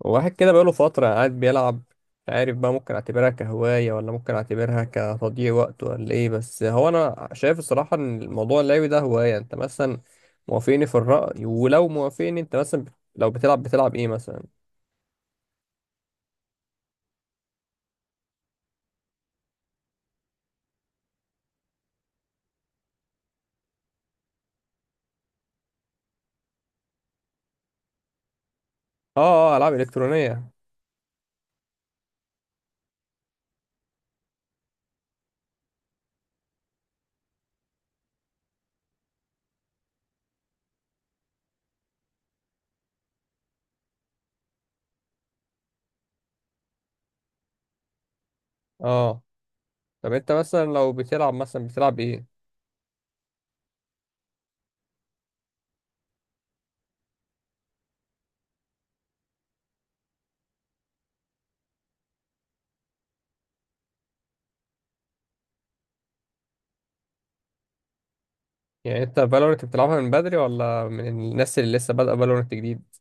واحد كده بقاله فترة قاعد بيلعب. مش عارف بقى، ممكن اعتبرها كهواية ولا ممكن اعتبرها كتضييع وقت ولا ايه، بس هو انا شايف الصراحة ان الموضوع اللعبي ده هواية. انت مثلا موافقني في الرأي؟ ولو موافقني، انت مثلا لو بتلعب، بتلعب ايه مثلا؟ اه، العاب الكترونية. اه. طب انت مثلا لو بتلعب مثلا، بتلعب ايه؟ يعني انت فالورنت بتلعبها من بدري ولا من الناس اللي لسه بادئة فالورنت جديد؟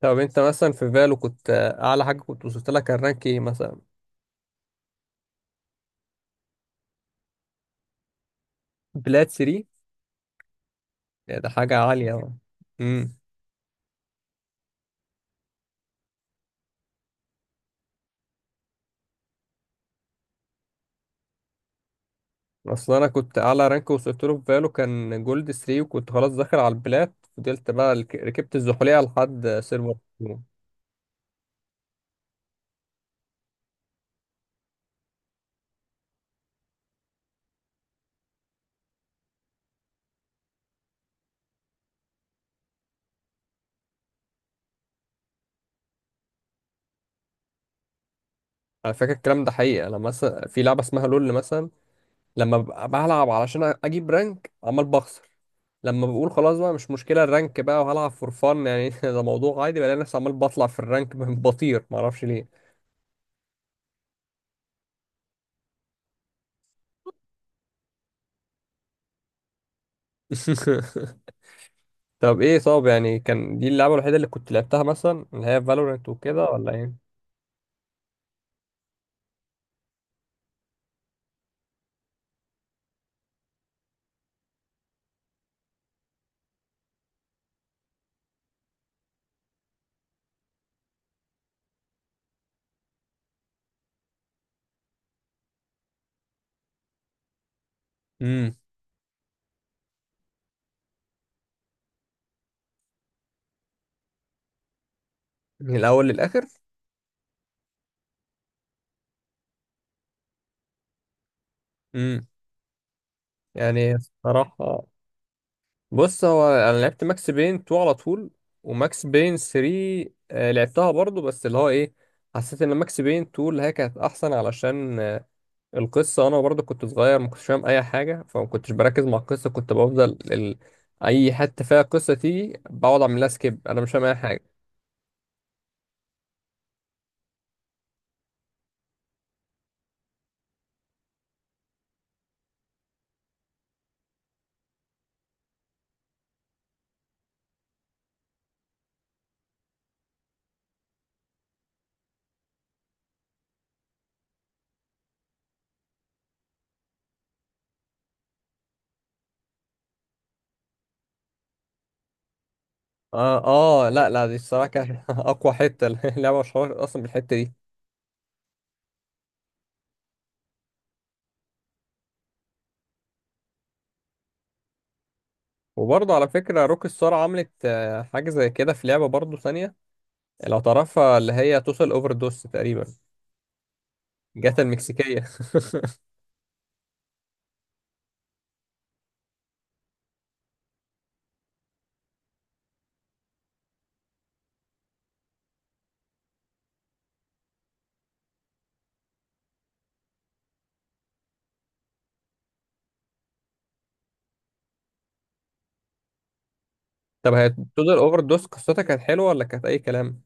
طب انت مثلا في فالو كنت، اعلى حاجة كنت وصلت لها كان رانك ايه مثلا؟ بلاد 3؟ يعني ده حاجة عالية أوي. امم اصل انا كنت اعلى رانك وصلت له في فالو كان جولد 3، وكنت خلاص داخل على البلات، فضلت بقى ركبت الزحلية لحد سيرفر اتنين. على فكرة الكلام ده حقيقة. انا مثلا في لعبة اسمها لول مثلا، لما ببقى بلعب علشان اجيب رانك عمال بخسر، لما بقول خلاص بقى مش مشكلة الرانك بقى وهلعب فور فان يعني ده موضوع عادي، بلاقي نفسي عمال بطلع في الرانك بطير، معرفش ليه. طب ايه، طب يعني كان دي اللعبة الوحيدة اللي كنت لعبتها مثلا اللي هي فالورنت وكده ولا ايه؟ من الاول للاخر؟ امم يعني صراحه، بص هو انا لعبت ماكس بين 2 على طول، وماكس بين 3 لعبتها برضو، بس اللي هو ايه، حسيت ان ماكس بين 2 اللي هي كانت احسن، علشان القصه، انا برضو كنت صغير ما كنتش فاهم اي حاجه، فما كنتش بركز مع القصه، كنت بفضل اي حته فيها قصه تيجي بقعد اعمل لها سكيب، انا مش فاهم اي حاجه. اه. اه، لا لا، دي الصراحه كانت اقوى حته، اللعبه مشهوره اصلا بالحته دي. وبرضه على فكرة روك ستار عملت حاجة زي كده في لعبة برضه ثانية لو تعرفها، اللي هي توتال اوفر دوس تقريبا، جاتا المكسيكية. طب هي توتال اوفر دوس قصتها كانت حلوة ولا كانت أي كلام؟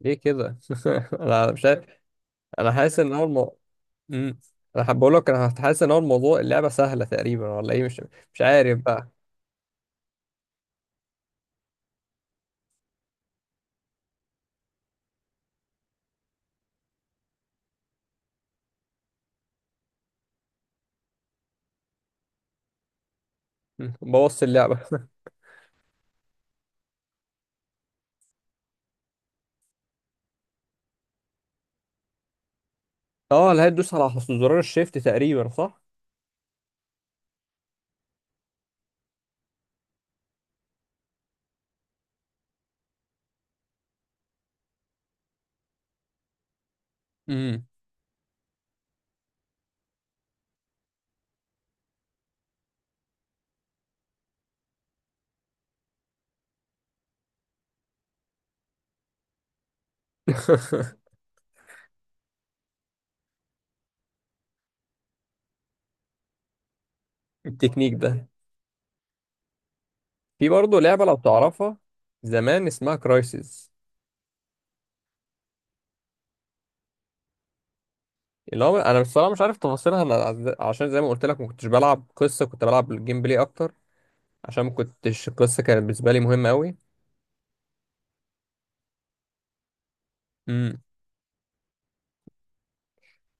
ليه كده؟ أنا مش عارف. أنا حاسس إن هو الموضوع. مم. أنا حابب أقول لك أنا حاسس إن هو الموضوع اللعبة سهلة تقريبا ولا إيه؟ مش مش عارف بقى. مم. بوظت اللعبة. أه، اللي هي تدوس على زرار الشيفت تقريبا صح؟ مم. التكنيك ده. في برضه لعبة لو تعرفها زمان، اسمها كرايسيس. اللي هو انا بصراحه مش عارف تفاصيلها، انا عشان زي ما قلت لك ما كنتش بلعب قصه، كنت بلعب الجيم بلاي اكتر، عشان ما كنتش القصه كانت بالنسبه لي مهمه قوي. امم.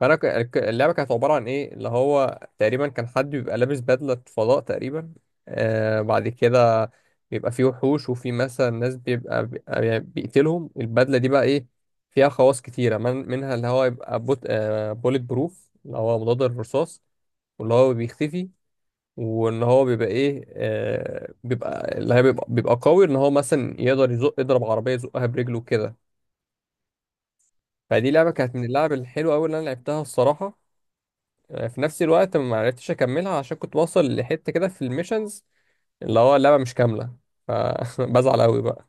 فانا اللعبه كانت عباره عن ايه اللي هو تقريبا كان حد بيبقى لابس بدله فضاء تقريبا. آه، بعد كده بيبقى فيه وحوش، وفي مثلا ناس بيبقى بيقتلهم البدله دي بقى، ايه، فيها خواص كتيره، من منها اللي هو يبقى بوت، آه، بوليت بروف، اللي هو مضاد الرصاص، واللي هو بيختفي، وان هو بيبقى ايه، آه، بيبقى اللي هي بيبقى قوي، ان هو مثلا يقدر يزق يضرب عربيه يزقها برجله كده. فدي لعبه كانت من اللعب الحلوه قوي اللي انا لعبتها الصراحه. آه، في نفس الوقت ما عرفتش اكملها عشان كنت واصل لحته كده في الميشنز اللي هو اللعبه مش كامله، فبزعل قوي بقى.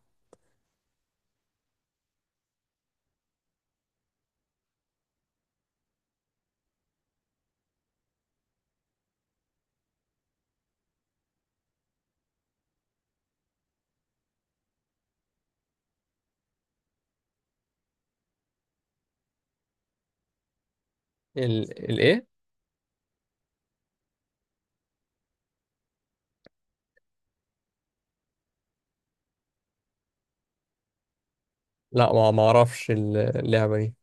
ال... الايه لا ما اعرفش اللعبه دي.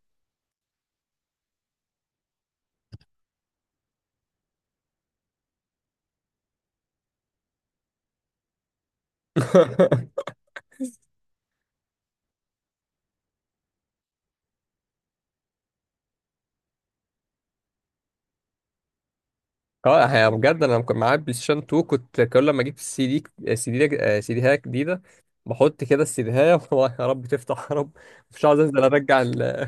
اه، هي بجد انا كنت معايا بلاي ستيشن 2، كنت كل لما اجيب السي دي سي دي، آه، سي ديها جديده، بحط كده السي ديها يا رب تفتح، يا رب مش عاوز انزل ارجع ال.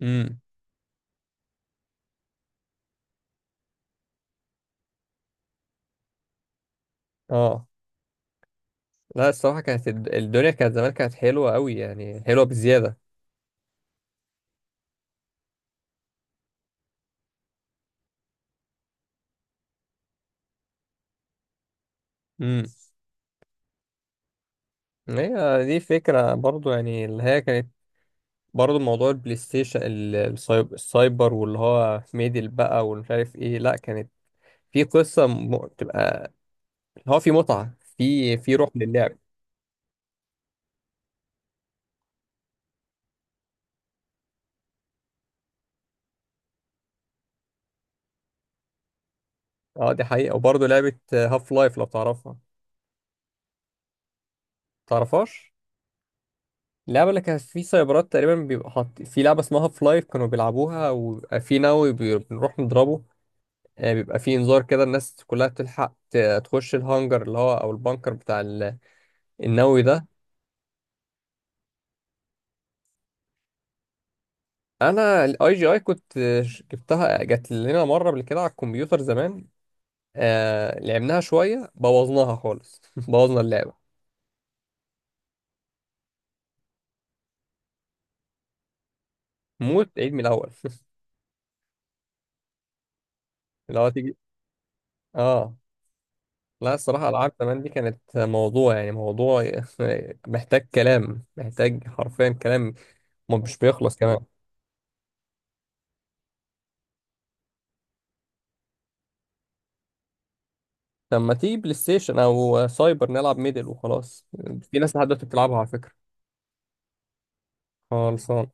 امم. اه، لا الصراحه كانت الدنيا كانت زمان كانت حلوه قوي، يعني حلوه بزياده. امم. هي دي فكره برضو، يعني اللي هي كانت برضو موضوع البلاي ستيشن السايبر، واللي هو ميدل بقى والمش عارف ايه، لا كانت في قصه تبقى اللي هو في متعه، في في روح للعب. اه، دي حقيقة. وبرضه لعبة هاف لايف لو تعرفها. تعرفهاش؟ اللعبة اللي كانت في سايبرات تقريبا بيبقى حاط في لعبة اسمها هاف لايف كانوا بيلعبوها، وبيبقى في نووي بنروح نضربه، آه، بيبقى في انذار كده الناس كلها بتلحق تخش الهانجر اللي هو او البانكر بتاع النووي ده. انا الاي جي اي كنت، آه، جبتها، جات لنا مرة قبل كده على الكمبيوتر زمان، آه لعبناها شوية، بوظناها خالص. بوظنا اللعبة. موت عيد من الاول. اللي هو تيجي. اه. لا الصراحة ألعاب زمان دي كانت موضوع، يعني موضوع محتاج كلام، محتاج حرفيا كلام ما مش بيخلص كمان. لما تيجي بلاي ستيشن أو سايبر نلعب ميدل وخلاص. في ناس لحد دلوقتي بتلعبها على فكرة. خالص.